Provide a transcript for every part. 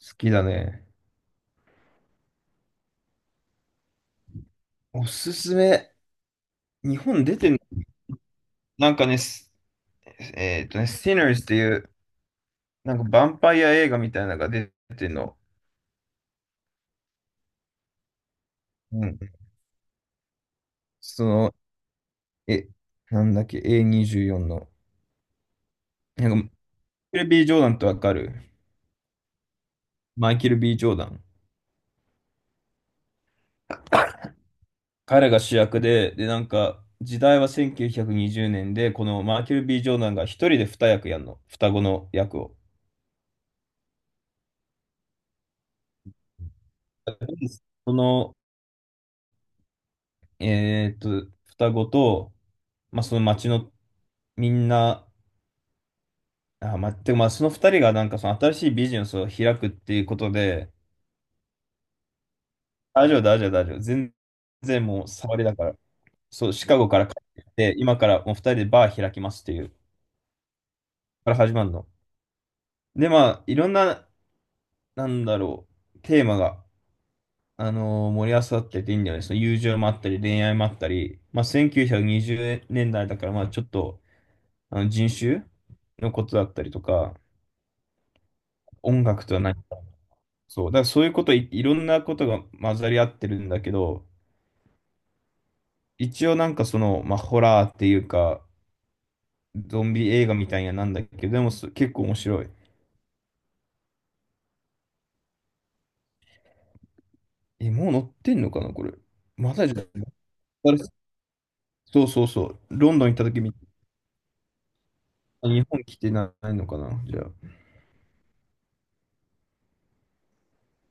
好きだね。おすすめ。日本出てんのなんかね、すSinners っていう、なんかヴァンパイア映画みたいなのが出てんの。うん。その、え、なんだっけ、A24 の。なんか、マイケル・ B・ジョーダンってわかる？マイケル・ B・ジョーダン。彼が主役で、で、なんか、時代は1920年で、このマイケル・ B・ジョーダンが一人で二役やんの。双子の役を。その、双子と、まあ、その町のみんな、あ、まあ、てかまあ、その二人がなんかその新しいビジネスを開くっていうことで、大丈夫、大丈夫、大丈夫。全然もう触りだから。そう、シカゴから帰ってきて、今からもう二人でバー開きますっていう、から始まるの。で、まあ、いろんな、なんだろテーマが、盛り合わさってていいんだよね。その友情もあったり、恋愛もあったり、まあ、1920年代だから、まあ、ちょっと、あの人種のことだったりとか、音楽とは何？そう、だからいろんなことが混ざり合ってるんだけど、一応なんかその、まあ、ホラーっていうか、ゾンビ映画みたいななんだけど、でも結構面白い。え、もう乗ってんのかな、これ。まだじゃあ、そうそうそう。ロンドン行った時み、日本来てないのかな、じゃあ。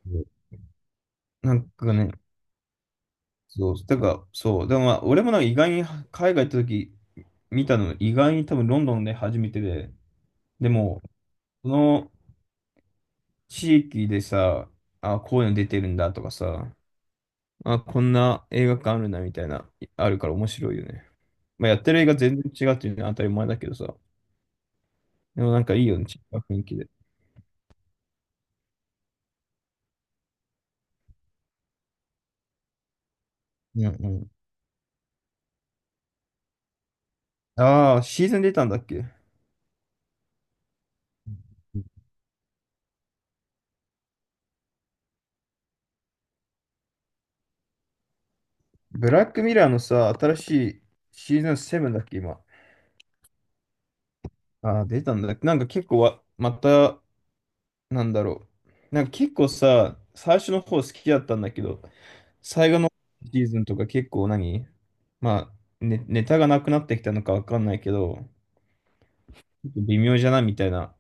うん、なんかね、そう、だから、そう、でもまあ、俺もなんか意外に海外行った時見たの、意外に多分ロンドンで初めてで、でも、その、地域でさ、あ、こういうの出てるんだとかさ、あ、こんな映画館あるなみたいな、あるから面白いよね。まあ、やってる映画全然違うっていうのは当たり前だけどさ、でもなんかいいよね、違う雰囲気で。うんうん、ああ、シーズン出たんだっけ？ブラックミラーのさ、新しいシーズン7だっけ、今。ああ、出たんだっけ。なんか結構わ、また、なんだろなんか結構さ、最初の方好きだったんだけど、最後のシーズンとか結構何、まあ、ネタがなくなってきたのかわかんないけど、ちょっと微妙じゃないみたいな。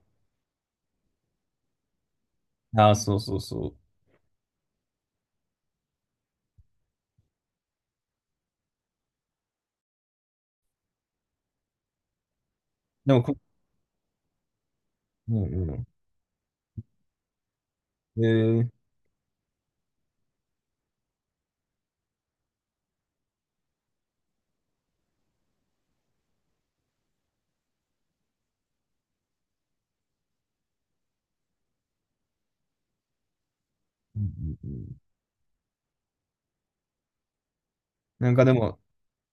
ああ、そうそうそう。でもこ、うんうん。えー、うんうんうん。なんかでも、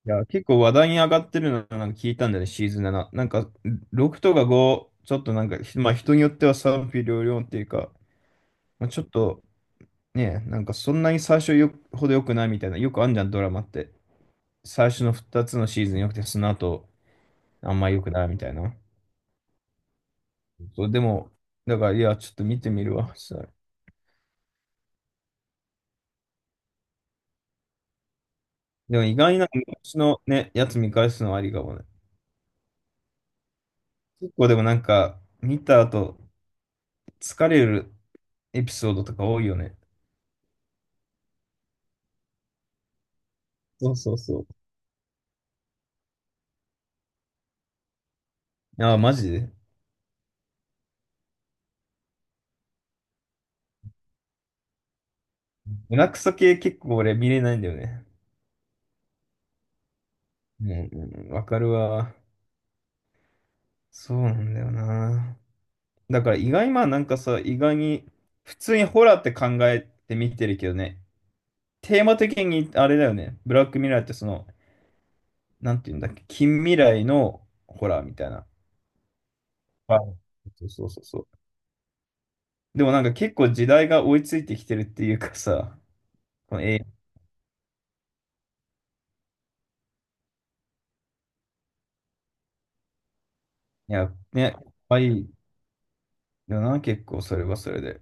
いや、結構話題に上がってるのなんか聞いたんだよね、シーズン7。なんか、6とか5、ちょっとなんか、まあ人によっては賛否両論っていうか、まあ、ちょっとね、なんかそんなに最初よほど良くないみたいな、よくあんじゃん、ドラマって。最初の2つのシーズン良くて、その後、あんま良くないみたいな。そう、でも、だから、いや、ちょっと見てみるわ、それ。でも意外な昔のね、やつ見返すのはありかもね。結構でもなんか、見た後、疲れるエピソードとか多いよね。そうそうそう。ああ、マジで。胸クソ系結構俺見れないんだよね。うんうんうん、わかるわ。そうなんだよな。だから意外、まあなんかさ、意外に、普通にホラーって考えて見てるけどね。テーマ的にあれだよね。ブラックミラーってその、なんていうんだっけ、近未来のホラーみたいな。はい、そうそうそうそう。でもなんか結構時代が追いついてきてるっていうかさ、この いや、ね、可愛いよな、結構それはそれで。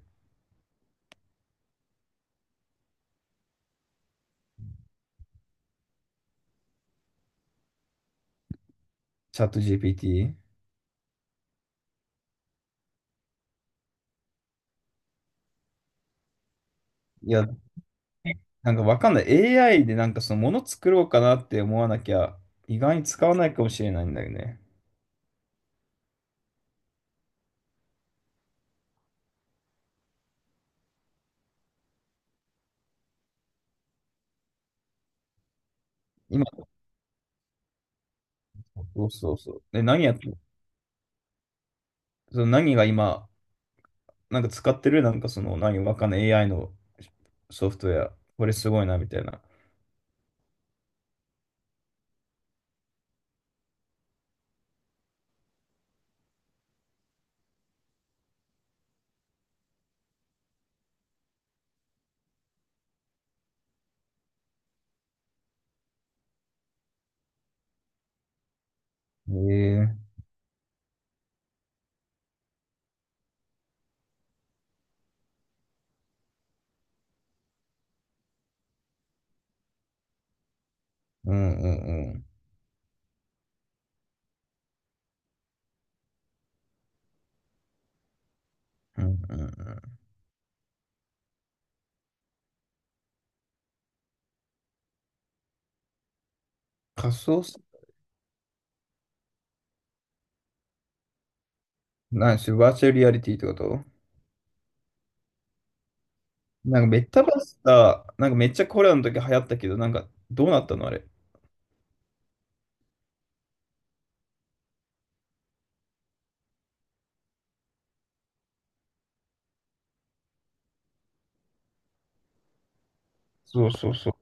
チャット GPT？ いや、なんかわかんない。AI でなんかそのもの作ろうかなって思わなきゃ、意外に使わないかもしれないんだよね。今、そうそうそう。で、何やって、その何が今、なんか使ってるなんかその、何わかんない AI のソフトウェア。これすごいな、みたいな。ええ、うんうんうん。うんうんうん。仮想、なんし、バーチャルリアリティってこと？なんかメタバースだ、なんかめっちゃコロナの時流行ったけど、なんかどうなったのあれ。そうそうそう。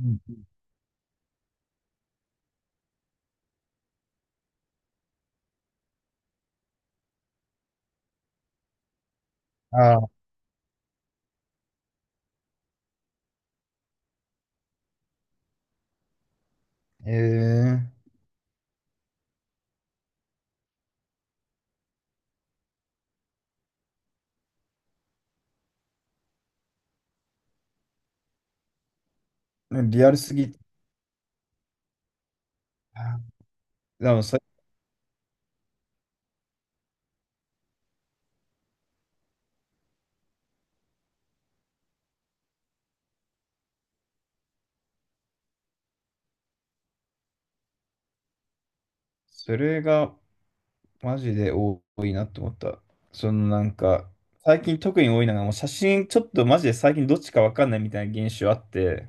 うん、ああ、ええ、リアルすぎ。あ、でもさ、それがマジで多いなって思った。そのなんか、最近特に多いのが、もう写真ちょっとマジで最近どっちかわかんないみたいな現象あって、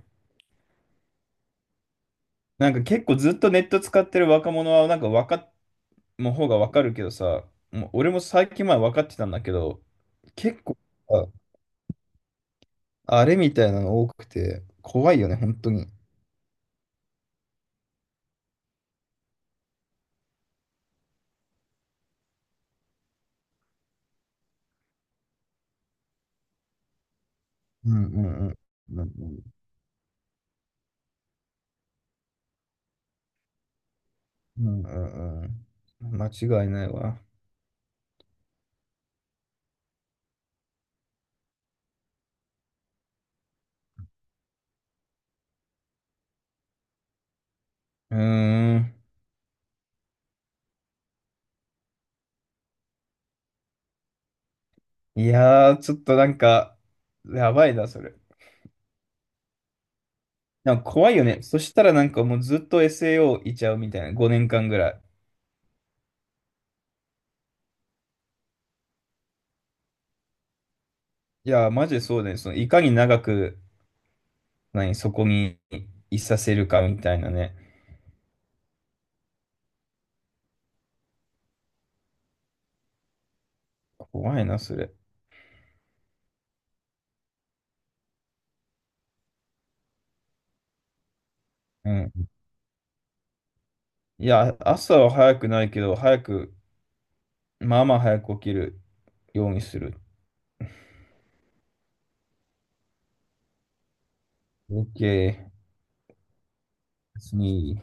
なんか結構ずっとネット使ってる若者はなんか分かっの方がわかるけどさ、もう俺も最近前分かってたんだけど、結構さ、あれみたいなの多くて、怖いよね、本当に。うんうんうん。うんうんうん。間違いないわ。うーん。いやー、ちょっとなんか、やばいな、それ。なんか怖いよね。そしたらなんかもうずっと SAO いちゃうみたいな、5年間ぐらい。いやー、マジでそうだね。そのいかに長く、何、そこにいさせるかみたいなね。怖いな、それ。うん、いや、朝は早くないけど、早く、まあまあ早く起きるようにする。OK。別に